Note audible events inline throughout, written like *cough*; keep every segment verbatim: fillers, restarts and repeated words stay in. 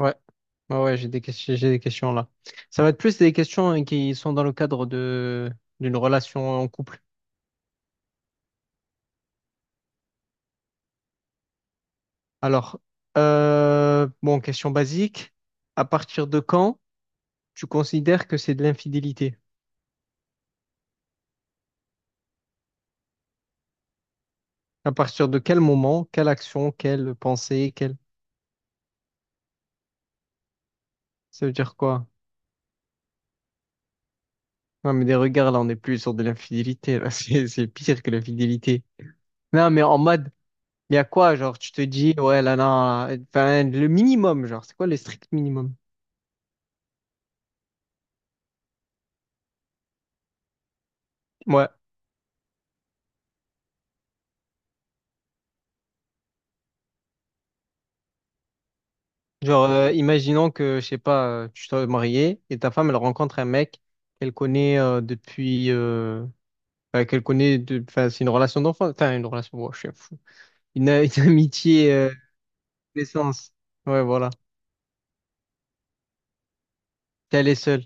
Ouais, ouais, ouais, j'ai des questions, j'ai des questions là. Ça va être plus des questions hein, qui sont dans le cadre de d'une relation en couple. Alors, euh, bon, question basique. À partir de quand tu considères que c'est de l'infidélité? À partir de quel moment, quelle action, quelle pensée, quelle... Ça veut dire quoi? Non, mais des regards, là, on n'est plus sur de l'infidélité. Là. *laughs* C'est, c'est pire que l'infidélité. Non, mais en mode, il y a quoi? Genre, tu te dis, ouais, là, non, là, enfin, le minimum, genre, c'est quoi le strict minimum? Genre, euh, imaginons que, je sais pas, euh, tu sois marié et ta femme, elle rencontre un mec qu'elle connaît euh, depuis... euh, enfin, qu'elle connaît... de- Enfin, c'est une relation d'enfant. Enfin, une relation... ouais, je suis un fou. Une, une *laughs* amitié euh, d'essence. Ouais, voilà. Puis elle est seule.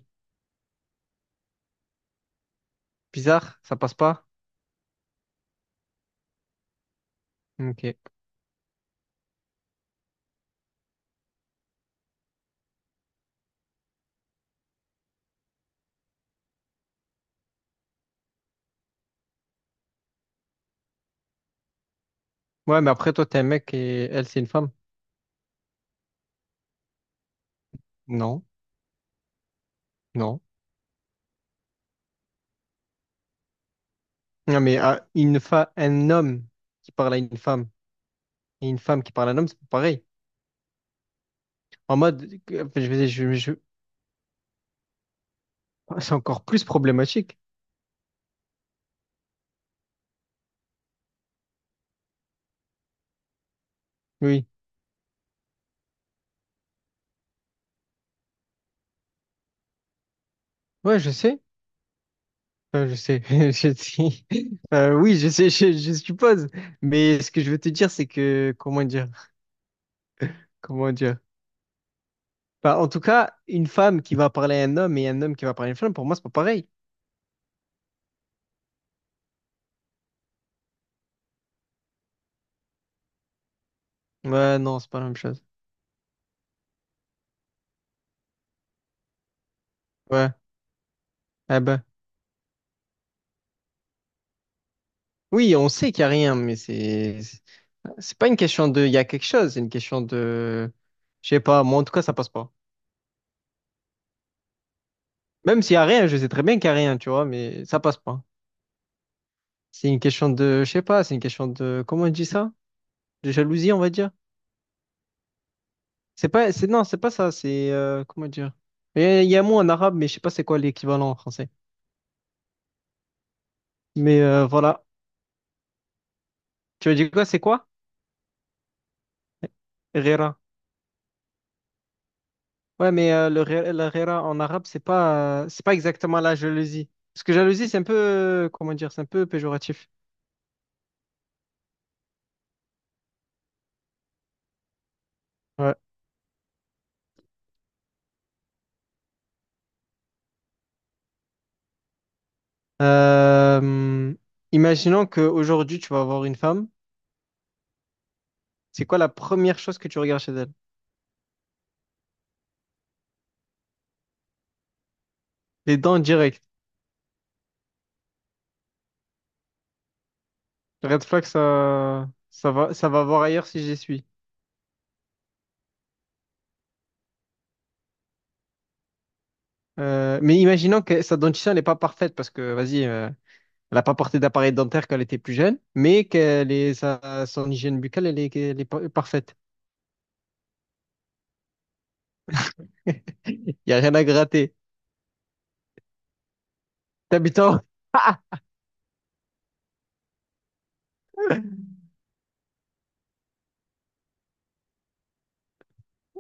Bizarre, ça passe pas? Ok. Ouais, mais après, toi, t'es un mec et elle, c'est une femme? Non. Non. Non, mais ah, une fa... un homme qui parle à une femme et une femme qui parle à un homme, c'est pas pareil. En mode... que- enfin, je, vais- je, je... C'est encore plus problématique. Oui. Ouais, je sais. Enfin, je sais. *laughs* Je sais. Euh, oui, je sais, je, je suppose. Mais ce que je veux te dire, c'est que, comment dire? Comment dire? Bah, en tout cas, une femme qui va parler à un homme et un homme qui va parler à une femme, pour moi, c'est pas pareil. Ouais, non, c'est pas la même chose. Ouais. Ah ben. Oui, on sait qu'il y a rien, mais c'est, c'est pas une question de, il y a quelque chose, c'est une question de, je sais pas, moi, en tout cas, ça passe pas. Même s'il y a rien, je sais très bien qu'il y a rien, tu vois, mais ça passe pas. C'est une question de, je sais pas, c'est une question de, comment on dit ça? De jalousie, on va dire. C'est pas, c'est, non, c'est pas ça, c'est, euh, comment dire? Il y, a il y a un mot en arabe, mais je sais pas c'est quoi l'équivalent en français. Mais euh, voilà. Tu veux dire quoi, c'est quoi? Rera. Ouais, mais euh, le, re- la rera en arabe, c'est pas, euh, c'est pas exactement la jalousie. Parce que jalousie, c'est un peu, euh, comment dire, c'est un peu péjoratif. Ouais. Euh, imaginons qu'aujourd'hui, tu vas avoir une femme. C'est quoi la première chose que tu regardes chez elle? Les dents directes. Red flag, ça, ça va, ça va voir ailleurs si j'y suis. Euh, mais imaginons que sa dentition n'est pas parfaite parce que, vas-y, euh, elle n'a pas porté d'appareil dentaire quand elle était plus jeune, mais qu'elle est, sa, son hygiène buccale, elle est, elle est par- parfaite. *laughs* Il n'y a rien à gratter. T'habitant. *laughs*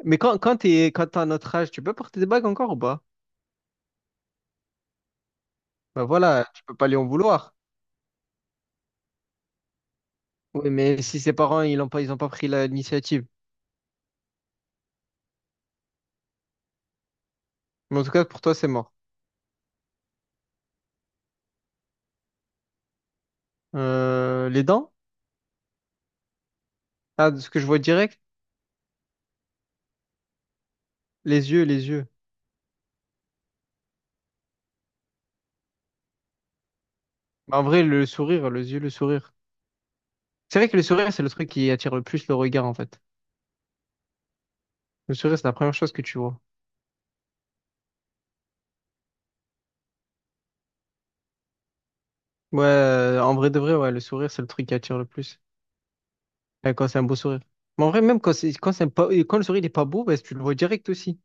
Mais quand, quand t'es, quand t'as notre âge, tu peux porter des bagues encore ou pas? Ben voilà, tu peux pas lui en vouloir. Oui, mais si ses parents, ils n'ont pas, ils ont pas pris la- l'initiative. Mais en tout cas, pour toi, c'est mort. Euh, les dents? Ah, de ce que je vois direct, les yeux, les yeux. Bah, en vrai, le sourire, les yeux, le sourire. C'est vrai que le sourire, c'est le truc qui attire le plus le regard, en fait. Le sourire, c'est la première chose que tu vois. Ouais, euh, en vrai de vrai, ouais, le sourire, c'est le truc qui attire le plus. Ouais, quand c'est un beau sourire. Mais en vrai, même quand c'est, quand c'est pas, quand le sourire n'est pas beau, bah, tu le vois direct aussi.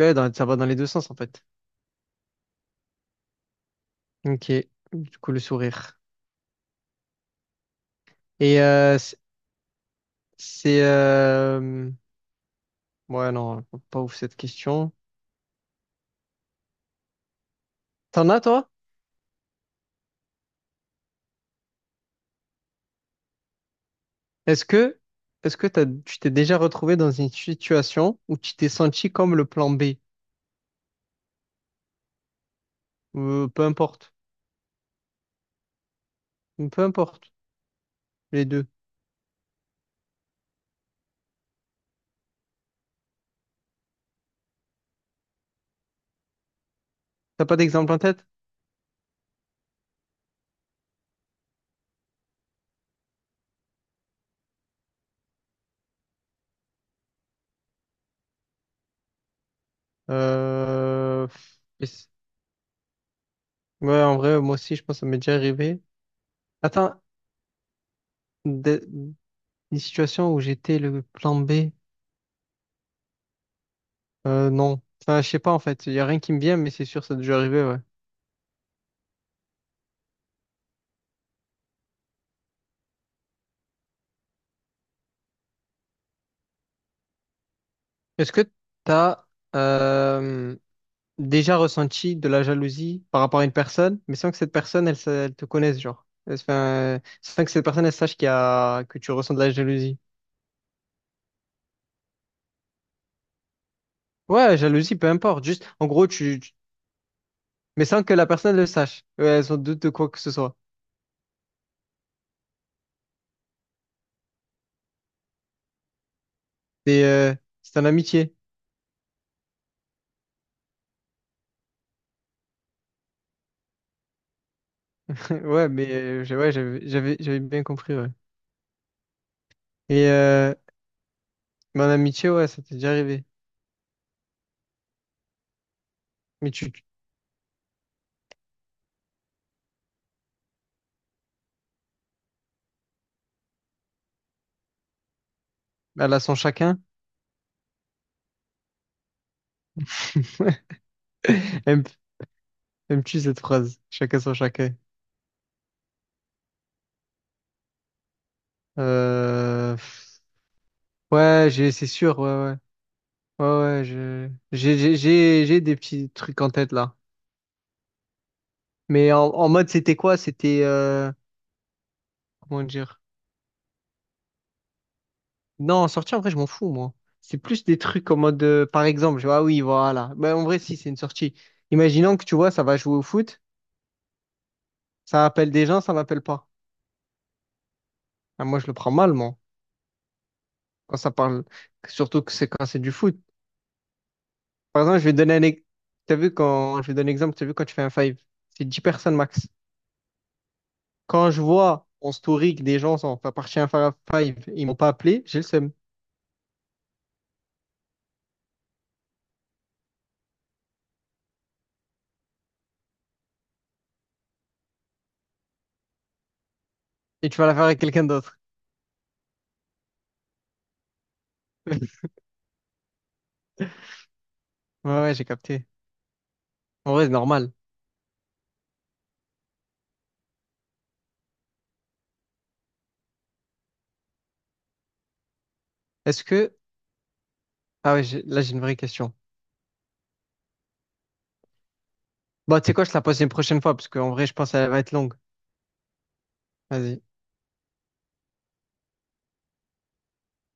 Ouais, dans- ça va dans les deux sens, en fait. Ok. Du coup, le sourire. Et euh, c'est. c'est, euh, Ouais, non, pas ouf cette question. T'en as, toi? Est-ce que, est-ce que t'as- tu t'es déjà retrouvé dans une situation où tu t'es senti comme le plan B? Euh, peu importe. Peu importe, les deux. T'as pas d'exemple en tête? Euh, mais c- Ouais, en vrai, moi aussi, je pense que ça m'est déjà arrivé. Attends, des, des situations où j'étais le plan B, euh, non. Enfin, je sais pas, en fait. Il y a rien qui me vient, mais c'est sûr, ça a déjà arrivé, ouais. Est-ce que t'as euh, déjà ressenti de la jalousie par rapport à une personne, mais sans que cette personne, elle, sa- elle te connaisse, genre? Enfin, sans que cette personne, elle sache qu'il y a, que tu ressens de la jalousie. Ouais, jalousie, peu importe. Juste, en gros, tu, tu- mais sans que la personne le sache. Ouais, sans doute de quoi que ce soit. C'est euh, c'est en amitié. *laughs* Ouais, mais euh, j'ai- ouais, j'avais j'avais j'avais bien compris, ouais. Et euh, mais en amitié, ouais, ça t'est déjà arrivé. Mais tu, tu- à la son chacun. *laughs* Aime- Aimes-tu cette phrase? Chacun son chacun. Euh, pff, ouais, j'ai, c'est sûr, ouais, ouais. Ouais, ouais, je, j'ai, j'ai, j'ai j'ai des petits trucs en tête là. Mais en, en mode, c'était quoi? C'était, euh, comment dire? Non, sortie, en vrai, je m'en fous, moi. C'est plus des trucs en mode, euh, par exemple, je vois, ah oui, voilà. Mais en vrai, si, c'est une sortie. Imaginons que tu vois, ça va jouer au foot, ça appelle des gens, ça m'appelle pas. Ah, moi, je le prends mal, moi, quand ça parle, surtout que c'est quand c'est du foot. Par exemple, je vais donner un, ex- t'as vu quand, je vais donner un exemple, t'as vu quand tu fais un five, c'est dix personnes max. Quand je vois en story que des gens sont pas partis à un five, ils m'ont pas appelé, j'ai le seum. Et tu vas la faire avec quelqu'un d'autre. *laughs* Ouais, ouais, j'ai capté. En vrai, c'est normal. Est-ce que, ah ouais, j'ai- là, j'ai une vraie question. Bah tu sais quoi, je te la pose une prochaine fois, parce qu'en vrai, je pense qu'elle va être longue. Vas-y.